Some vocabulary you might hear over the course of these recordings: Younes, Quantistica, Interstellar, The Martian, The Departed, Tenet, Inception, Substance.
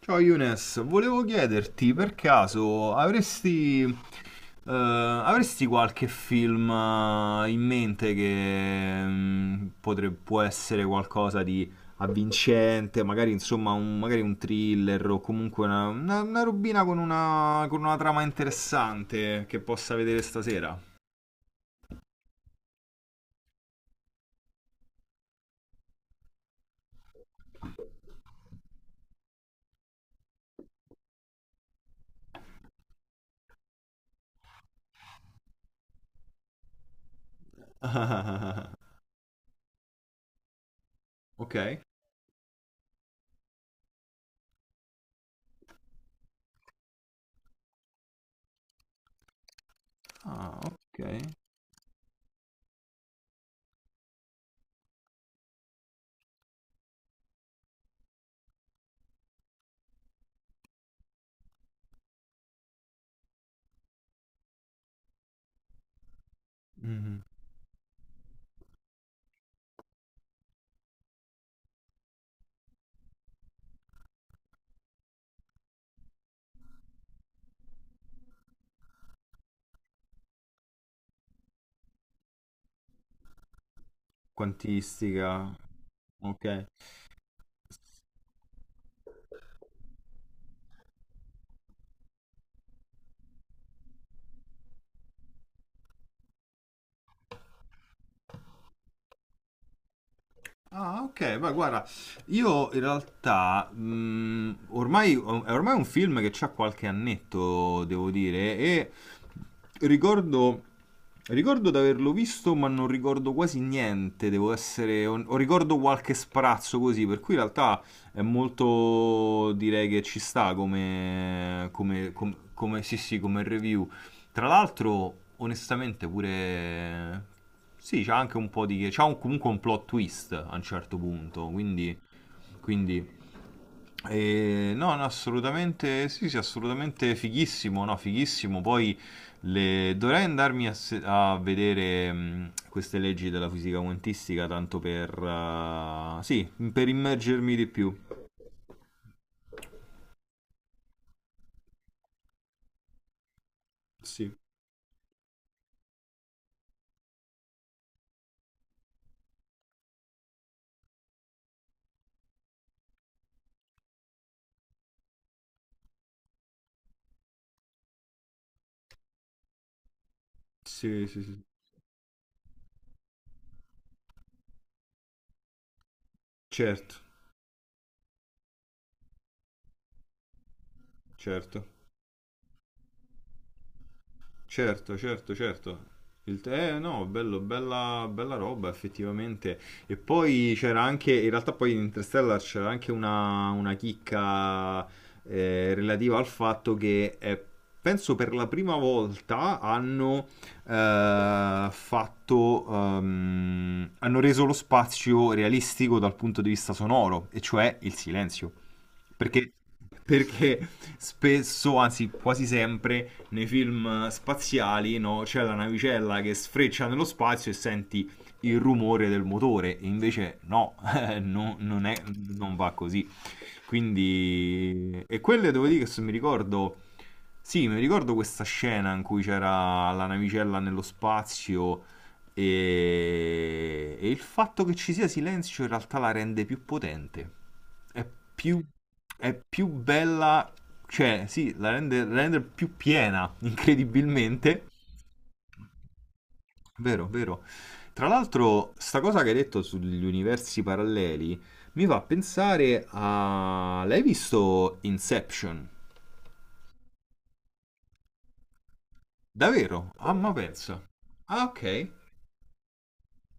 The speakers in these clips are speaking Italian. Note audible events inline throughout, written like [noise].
Ciao Younes, volevo chiederti per caso avresti, avresti qualche film in mente che può essere qualcosa di avvincente, magari insomma un, magari un thriller o comunque una, una robina con una trama interessante che possa vedere stasera? [laughs] Ok? Ah, ok. Mhm. Quantistica. Ok. Ah, ok, beh, guarda, io in realtà ormai, è ormai un film che c'ha qualche annetto, devo dire, e ricordo, ricordo di averlo visto, ma non ricordo quasi niente, devo essere, o ricordo qualche sprazzo così, per cui in realtà è molto, direi che ci sta come, sì, sì, come review. Tra l'altro, onestamente, pure... Sì, c'ha anche un po' di... c'ha comunque un plot twist a un certo punto, quindi... quindi... no, assolutamente, sì, assolutamente fighissimo, no, fighissimo. Poi dovrei andarmi a, a vedere queste leggi della fisica quantistica, tanto per, sì, per immergermi di più. Sì, sì, sì. Certo, certo. Certo, certo, certo. Il te, no, bello, bella, bella roba effettivamente. E poi c'era anche, in realtà poi in Interstellar c'era anche una chicca relativa al fatto che penso per la prima volta hanno fatto, hanno reso lo spazio realistico dal punto di vista sonoro, e cioè il silenzio. Perché, perché spesso, anzi quasi sempre, nei film spaziali no? C'è la navicella che sfreccia nello spazio e senti il rumore del motore, invece no, [laughs] non, è, non va così. Quindi, e quelle devo dire che se mi ricordo, sì, mi ricordo questa scena in cui c'era la navicella nello spazio e il fatto che ci sia silenzio in realtà la rende più potente, è più, è più bella cioè, sì, la rende più piena, [laughs] incredibilmente. Vero, vero. Tra l'altro, sta cosa che hai detto sugli universi paralleli mi fa pensare a... L'hai visto Inception? Davvero? Ah, ma pensa. Ah, ok.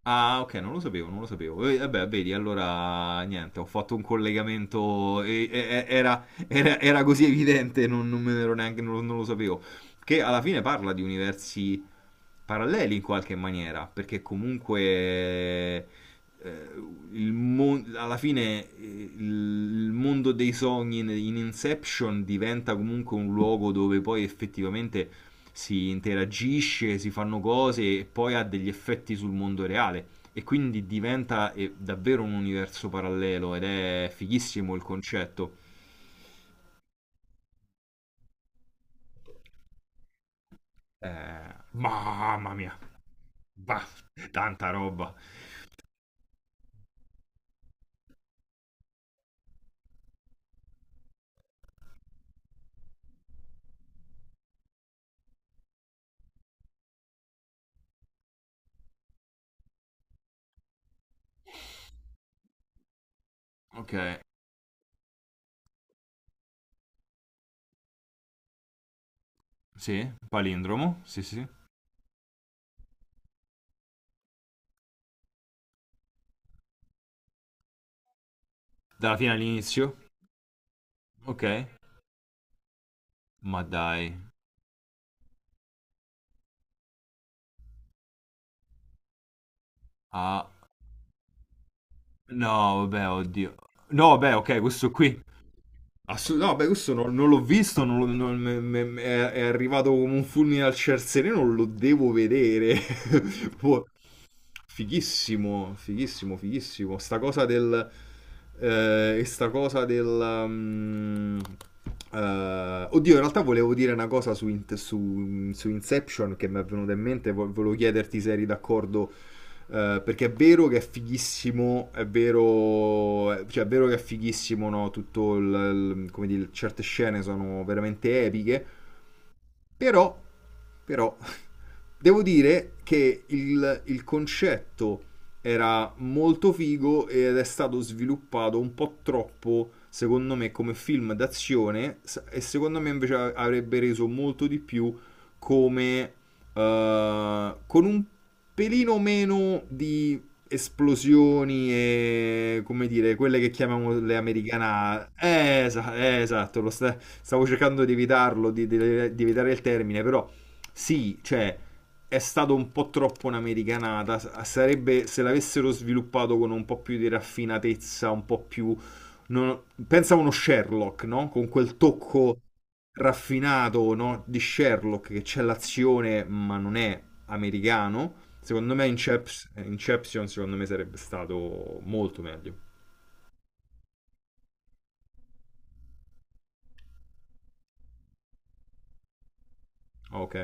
Ah, ok, non lo sapevo, non lo sapevo. E, vabbè, vedi, allora niente, ho fatto un collegamento, era, era così evidente, non, non me ne ero neanche, non, non lo sapevo. Che alla fine parla di universi paralleli in qualche maniera, perché comunque alla fine il mondo dei sogni in, in Inception diventa comunque un luogo dove poi effettivamente si interagisce, si fanno cose e poi ha degli effetti sul mondo reale. E quindi diventa davvero un universo parallelo ed è fighissimo il concetto. Mamma mia, bah, tanta roba. Ok. Sì, palindromo, sì, sì. Dalla fine all'inizio. Ok. Ma dai. Ah, no, vabbè, oddio. No, vabbè, ok, questo qui. No, beh, questo non, non l'ho visto, è arrivato come un fulmine al ciel sereno, lo devo vedere. [laughs] Boh. Fighissimo, fighissimo, fighissimo. Sta cosa del... e sta cosa del... eh, oddio, in realtà volevo dire una cosa su, su Inception che mi è venuta in mente, volevo chiederti se eri d'accordo, perché è vero che è fighissimo, è vero, cioè è vero che è fighissimo, no? Tutto il, come dire, certe scene sono veramente epiche, però, però, devo dire che il concetto era molto figo ed è stato sviluppato un po' troppo, secondo me, come film d'azione e secondo me invece avrebbe reso molto di più come con un pelino meno di esplosioni e come dire, quelle che chiamiamo le americanate. Esatto, stavo cercando di evitarlo, di evitare il termine, però sì, cioè è stato un po' troppo un'americanata. Sarebbe se l'avessero sviluppato con un po' più di raffinatezza, un po' più non- pensa a uno Sherlock, no? Con quel tocco raffinato, no? Di Sherlock che c'è l'azione, ma non è americano. Secondo me Inception, secondo me sarebbe stato molto meglio. Ok.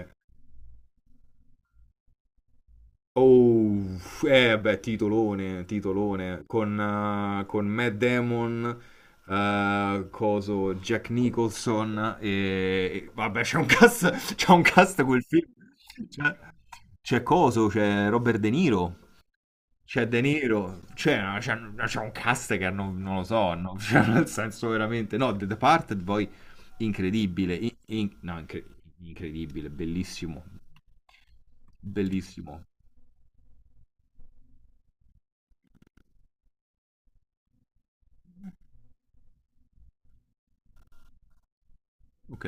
Oh, eh beh, titolone, titolone, con Matt Damon, coso, Jack Nicholson e... vabbè, c'è un cast, [laughs] c'è un cast quel film, c'è coso, c'è Robert De Niro, c'è De Niro, c'è un cast che non, non lo so, no? [laughs] Cioè, nel senso veramente, no, The Departed poi incredibile, no, incredibile, bellissimo, bellissimo, ok?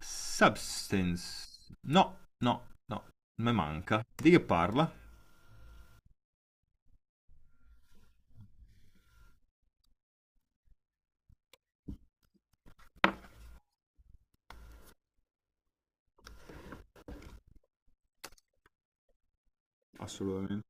Substance. No, no, no, me manca. Di che parla? Assolutamente.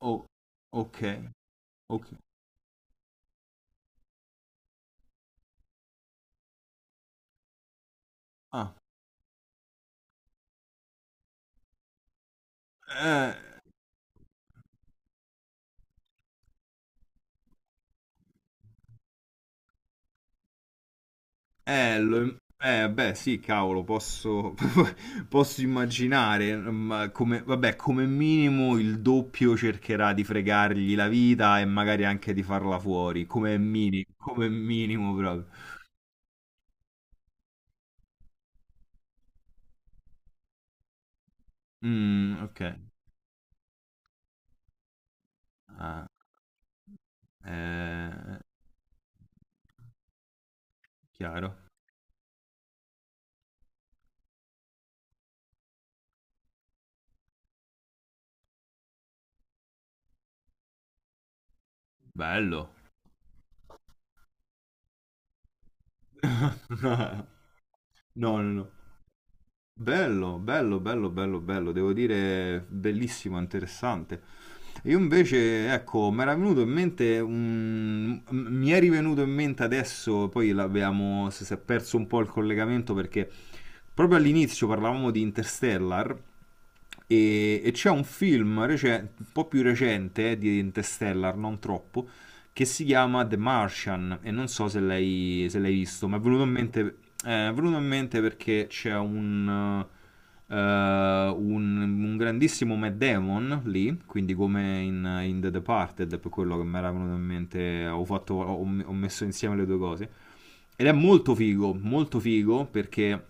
Oh, ok, ok. Ah, eh, beh, sì, cavolo, posso, [laughs] posso immaginare, ma come, vabbè, come minimo il doppio cercherà di fregargli la vita e magari anche di farla fuori, come minimo proprio. Mm, ok, ah, eh, chiaro, bello. [laughs] No, no, no. Bello, bello, bello, bello, bello, devo dire bellissimo, interessante. Io invece, ecco, mi era venuto in mente, mi è rivenuto in mente adesso, poi l'abbiamo, si è perso un po' il collegamento perché proprio all'inizio parlavamo di Interstellar e c'è un film un po' più recente di Interstellar, non troppo, che si chiama The Martian e non so se l'hai, se l'hai visto, ma è venuto in mente, è venuto in mente perché c'è eh, un, un grandissimo Matt Damon lì, quindi come in, in The Departed, è per quello che mi era venuto in mente, ho, ho messo insieme le due cose. Ed è molto figo perché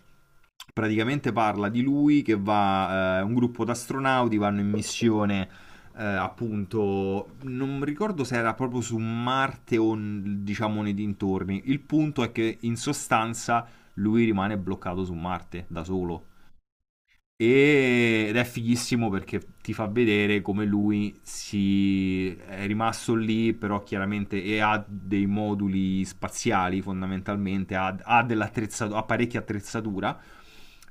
praticamente parla di lui che va, un gruppo di astronauti vanno in missione appunto, non ricordo se era proprio su Marte o diciamo nei dintorni. Il punto è che in sostanza lui rimane bloccato su Marte da solo ed è fighissimo perché ti fa vedere come lui si è rimasto lì, però chiaramente e ha dei moduli spaziali fondamentalmente, ha, ha dell'attrezzatura, ha parecchia attrezzatura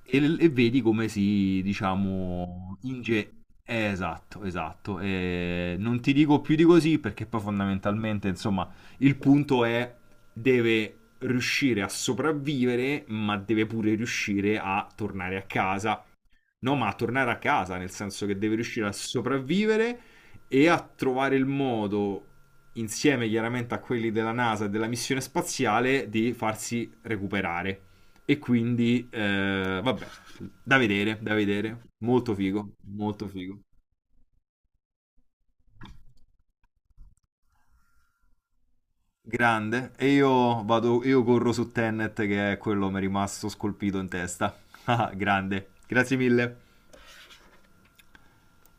e vedi come si, diciamo, inge... esatto, esatto. E non ti dico più di così perché poi fondamentalmente, insomma, il punto è deve riuscire a sopravvivere, ma deve pure riuscire a tornare a casa. No, ma a tornare a casa, nel senso che deve riuscire a sopravvivere e a trovare il modo, insieme chiaramente a quelli della NASA e della missione spaziale, di farsi recuperare. E quindi, vabbè, da vedere, da vedere. Molto figo, molto figo. Grande. E io vado, io corro su Tenet, che è quello che mi è rimasto scolpito in testa. [laughs] Ah, grande. Grazie mille.